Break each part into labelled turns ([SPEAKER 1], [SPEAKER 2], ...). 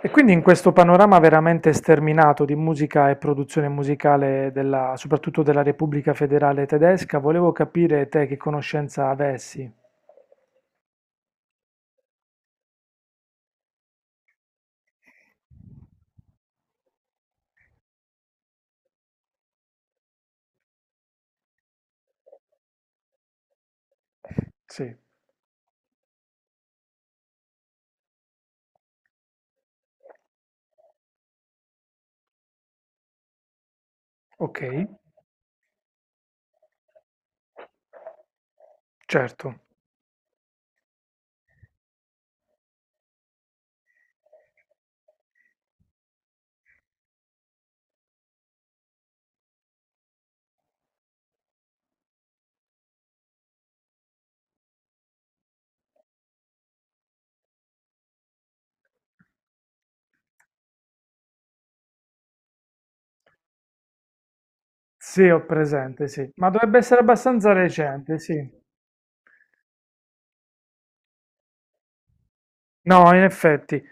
[SPEAKER 1] E quindi in questo panorama veramente sterminato di musica e produzione musicale della, soprattutto della Repubblica Federale Tedesca, volevo capire te che conoscenza avessi. Sì, ok, certo. Sì, ho presente, sì. Ma dovrebbe essere abbastanza recente, sì. No, in effetti,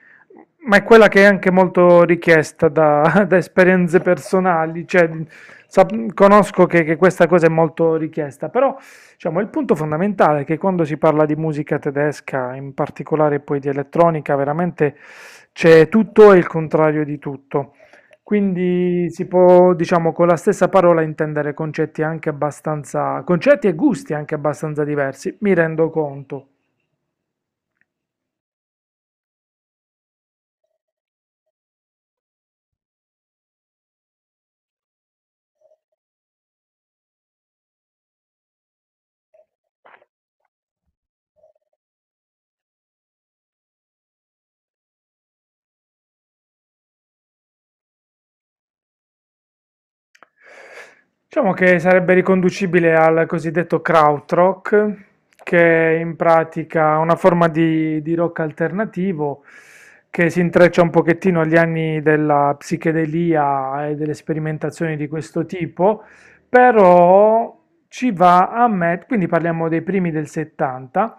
[SPEAKER 1] ma è quella che è anche molto richiesta da, da esperienze personali, cioè, conosco che questa cosa è molto richiesta, però diciamo, il punto fondamentale è che quando si parla di musica tedesca, in particolare poi di elettronica, veramente c'è tutto e il contrario di tutto. Quindi si può, diciamo, con la stessa parola intendere concetti anche abbastanza, concetti e gusti anche abbastanza diversi, mi rendo conto. Diciamo che sarebbe riconducibile al cosiddetto krautrock, che è in pratica una forma di rock alternativo che si intreccia un pochettino agli anni della psichedelia e delle sperimentazioni di questo tipo, però ci va a mettere, quindi parliamo dei primi del 70,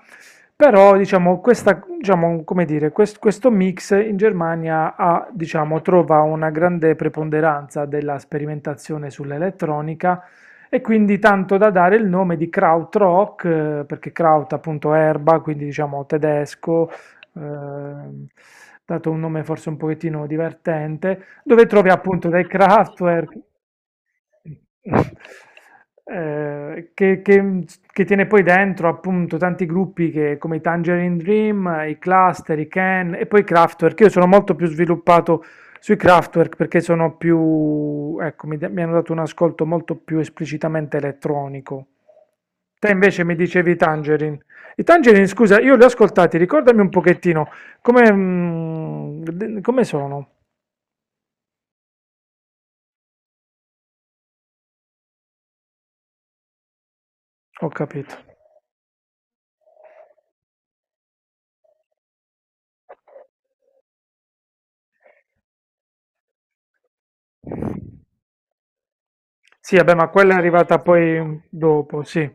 [SPEAKER 1] però diciamo, questa, diciamo, come dire, questo mix in Germania ha, diciamo, trova una grande preponderanza della sperimentazione sull'elettronica e quindi tanto da dare il nome di Krautrock, perché Kraut appunto erba, quindi diciamo tedesco, dato un nome forse un pochettino divertente dove trovi appunto del Kraftwerk. eh, che, che- che tiene poi dentro appunto tanti gruppi come i Tangerine Dream, i Cluster, i Can e poi i Kraftwerk. Io sono molto più sviluppato sui Kraftwerk perché sono più, ecco, mi hanno dato un ascolto molto più esplicitamente elettronico. Te invece mi dicevi i Tangerine. I Tangerine, scusa, io li ho ascoltati, ricordami un pochettino come, come sono. Ho capito. Sì, vabbè, ma quella è arrivata poi dopo, sì.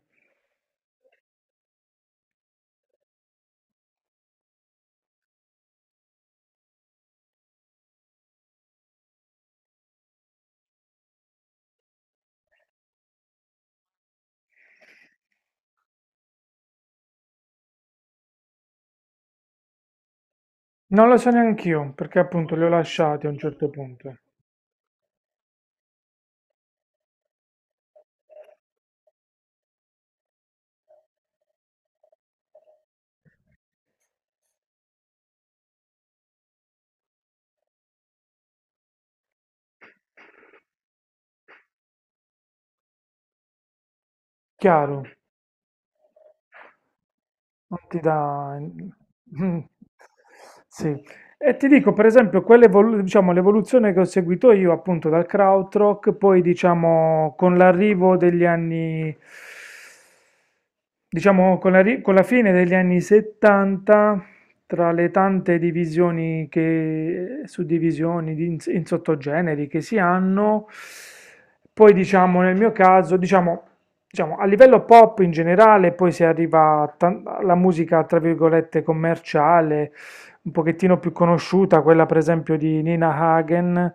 [SPEAKER 1] Non lo so neanch'io, perché appunto li ho lasciati a un certo punto. Chiaro. Non ti dà... Mm. Mm. Sì. E ti dico, per esempio, diciamo, l'evoluzione che ho seguito io appunto dal krautrock, poi diciamo con l'arrivo degli anni, diciamo con la, con la fine degli anni 70, tra le tante divisioni che, suddivisioni in sottogeneri che si hanno, poi diciamo nel mio caso, diciamo, a livello pop in generale, poi si arriva a alla musica, tra virgolette, commerciale, un pochettino più conosciuta, quella per esempio di Nina Hagen,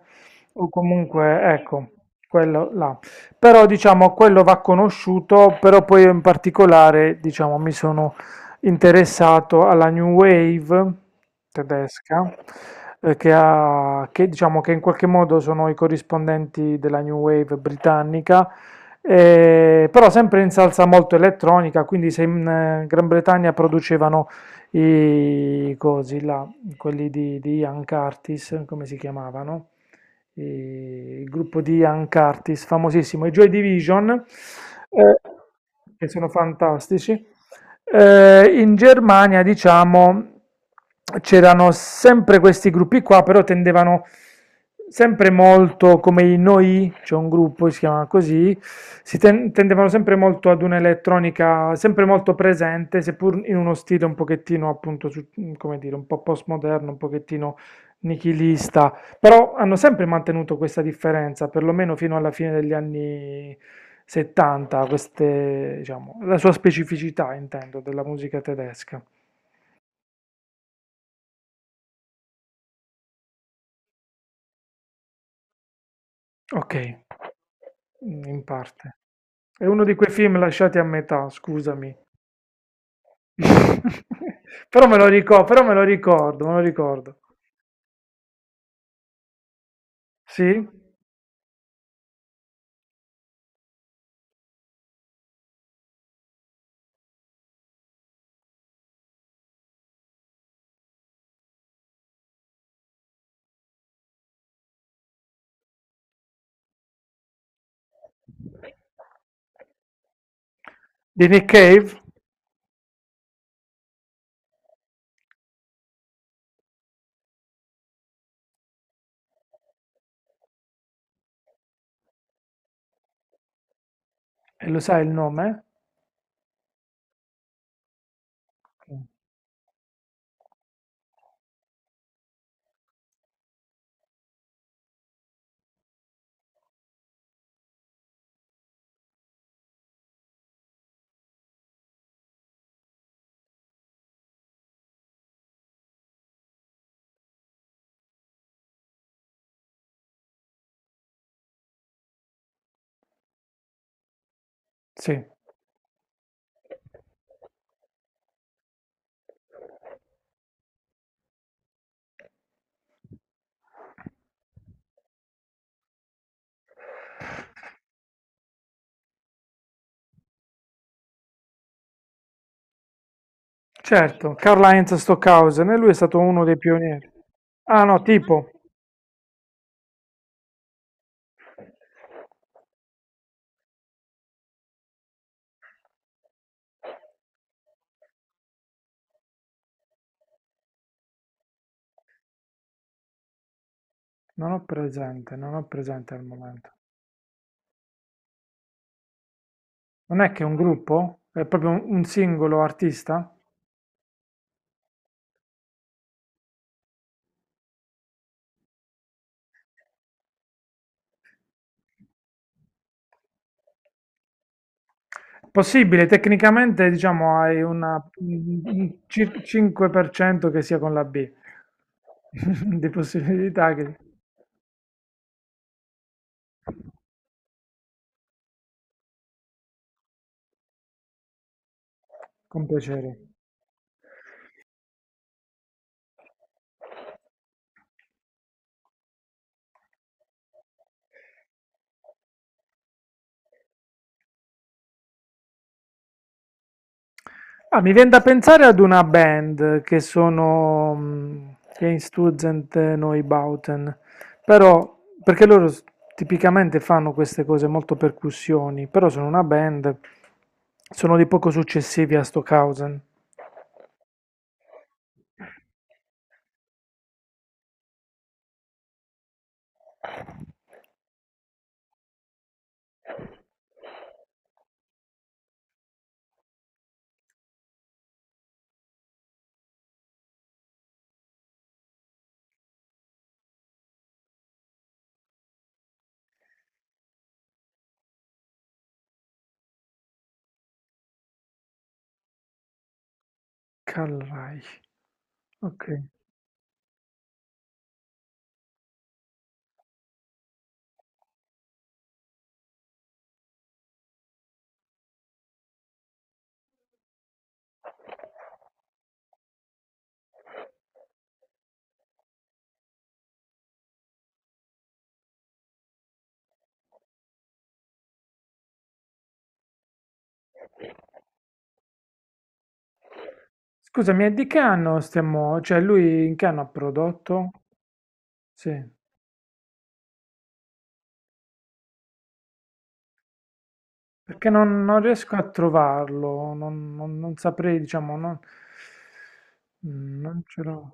[SPEAKER 1] o comunque, ecco, quello là. Però diciamo, quello va conosciuto, però poi io in particolare, diciamo, mi sono interessato alla New Wave tedesca, che, ha, che, diciamo, che in qualche modo sono i corrispondenti della New Wave britannica però sempre in salsa molto elettronica, quindi se in Gran Bretagna producevano i cosi là, quelli di Ian Curtis, come si chiamavano? I- il gruppo di Ian Curtis, famosissimo, i Joy Division, eh, che sono fantastici. In Germania, diciamo, c'erano sempre questi gruppi qua, però tendevano sempre molto, come i Noi, c'è un gruppo che si chiama così, tendevano sempre molto ad un'elettronica sempre molto presente, seppur in uno stile un pochettino, appunto, come dire, un po' postmoderno, un pochettino nichilista. Però hanno sempre mantenuto questa differenza, perlomeno fino alla fine degli anni 70, queste, diciamo, la sua specificità, intendo, della musica tedesca. Ok, mm, in parte. È uno di quei film lasciati a metà, scusami. Però me lo ricordo, però me lo ricordo, me lo ricordo. Sì? Di Nick Cave? E lo sai il nome? Sì, certo, Karl-Heinz Stockhausen, e lui è stato uno dei pionieri. Ah no, tipo. Non ho presente, non ho presente al momento. Non è che è un gruppo? È proprio un singolo artista? Possibile, tecnicamente diciamo hai una, 5% che sia con la B. Di possibilità che... Con piacere. Ah, mi viene da pensare ad una band che sono mm, Einstürzend Neubauten, però perché tipicamente fanno queste cose molto percussioni, però sono una band, sono di poco successivi a Stockhausen. Karl Reich, ok. Scusami, è di che anno stiamo, cioè lui in che anno ha prodotto? Sì, perché non, non riesco a trovarlo, non saprei, diciamo, non, mm, non ce l'ho.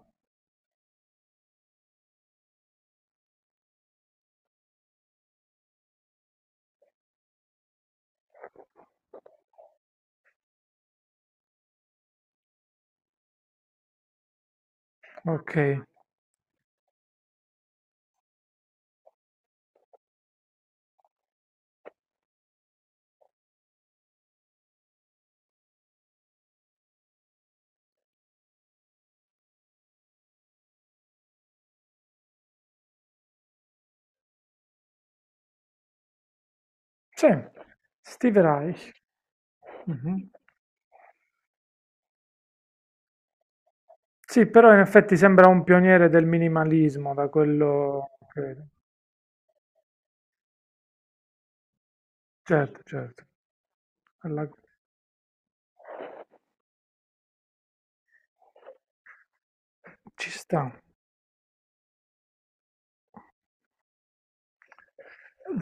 [SPEAKER 1] Ok, sì, Steve Reich. Mhm. Sì, però in effetti sembra un pioniere del minimalismo, da quello che... Certo, certo, Alla- ci sta.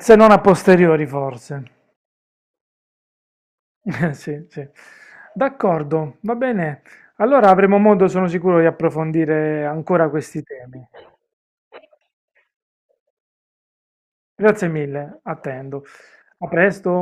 [SPEAKER 1] Se non a posteriori, forse. Sì, sì. D'accordo, va bene. Allora avremo modo, sono sicuro, di approfondire ancora questi temi. Grazie mille, attendo. A presto.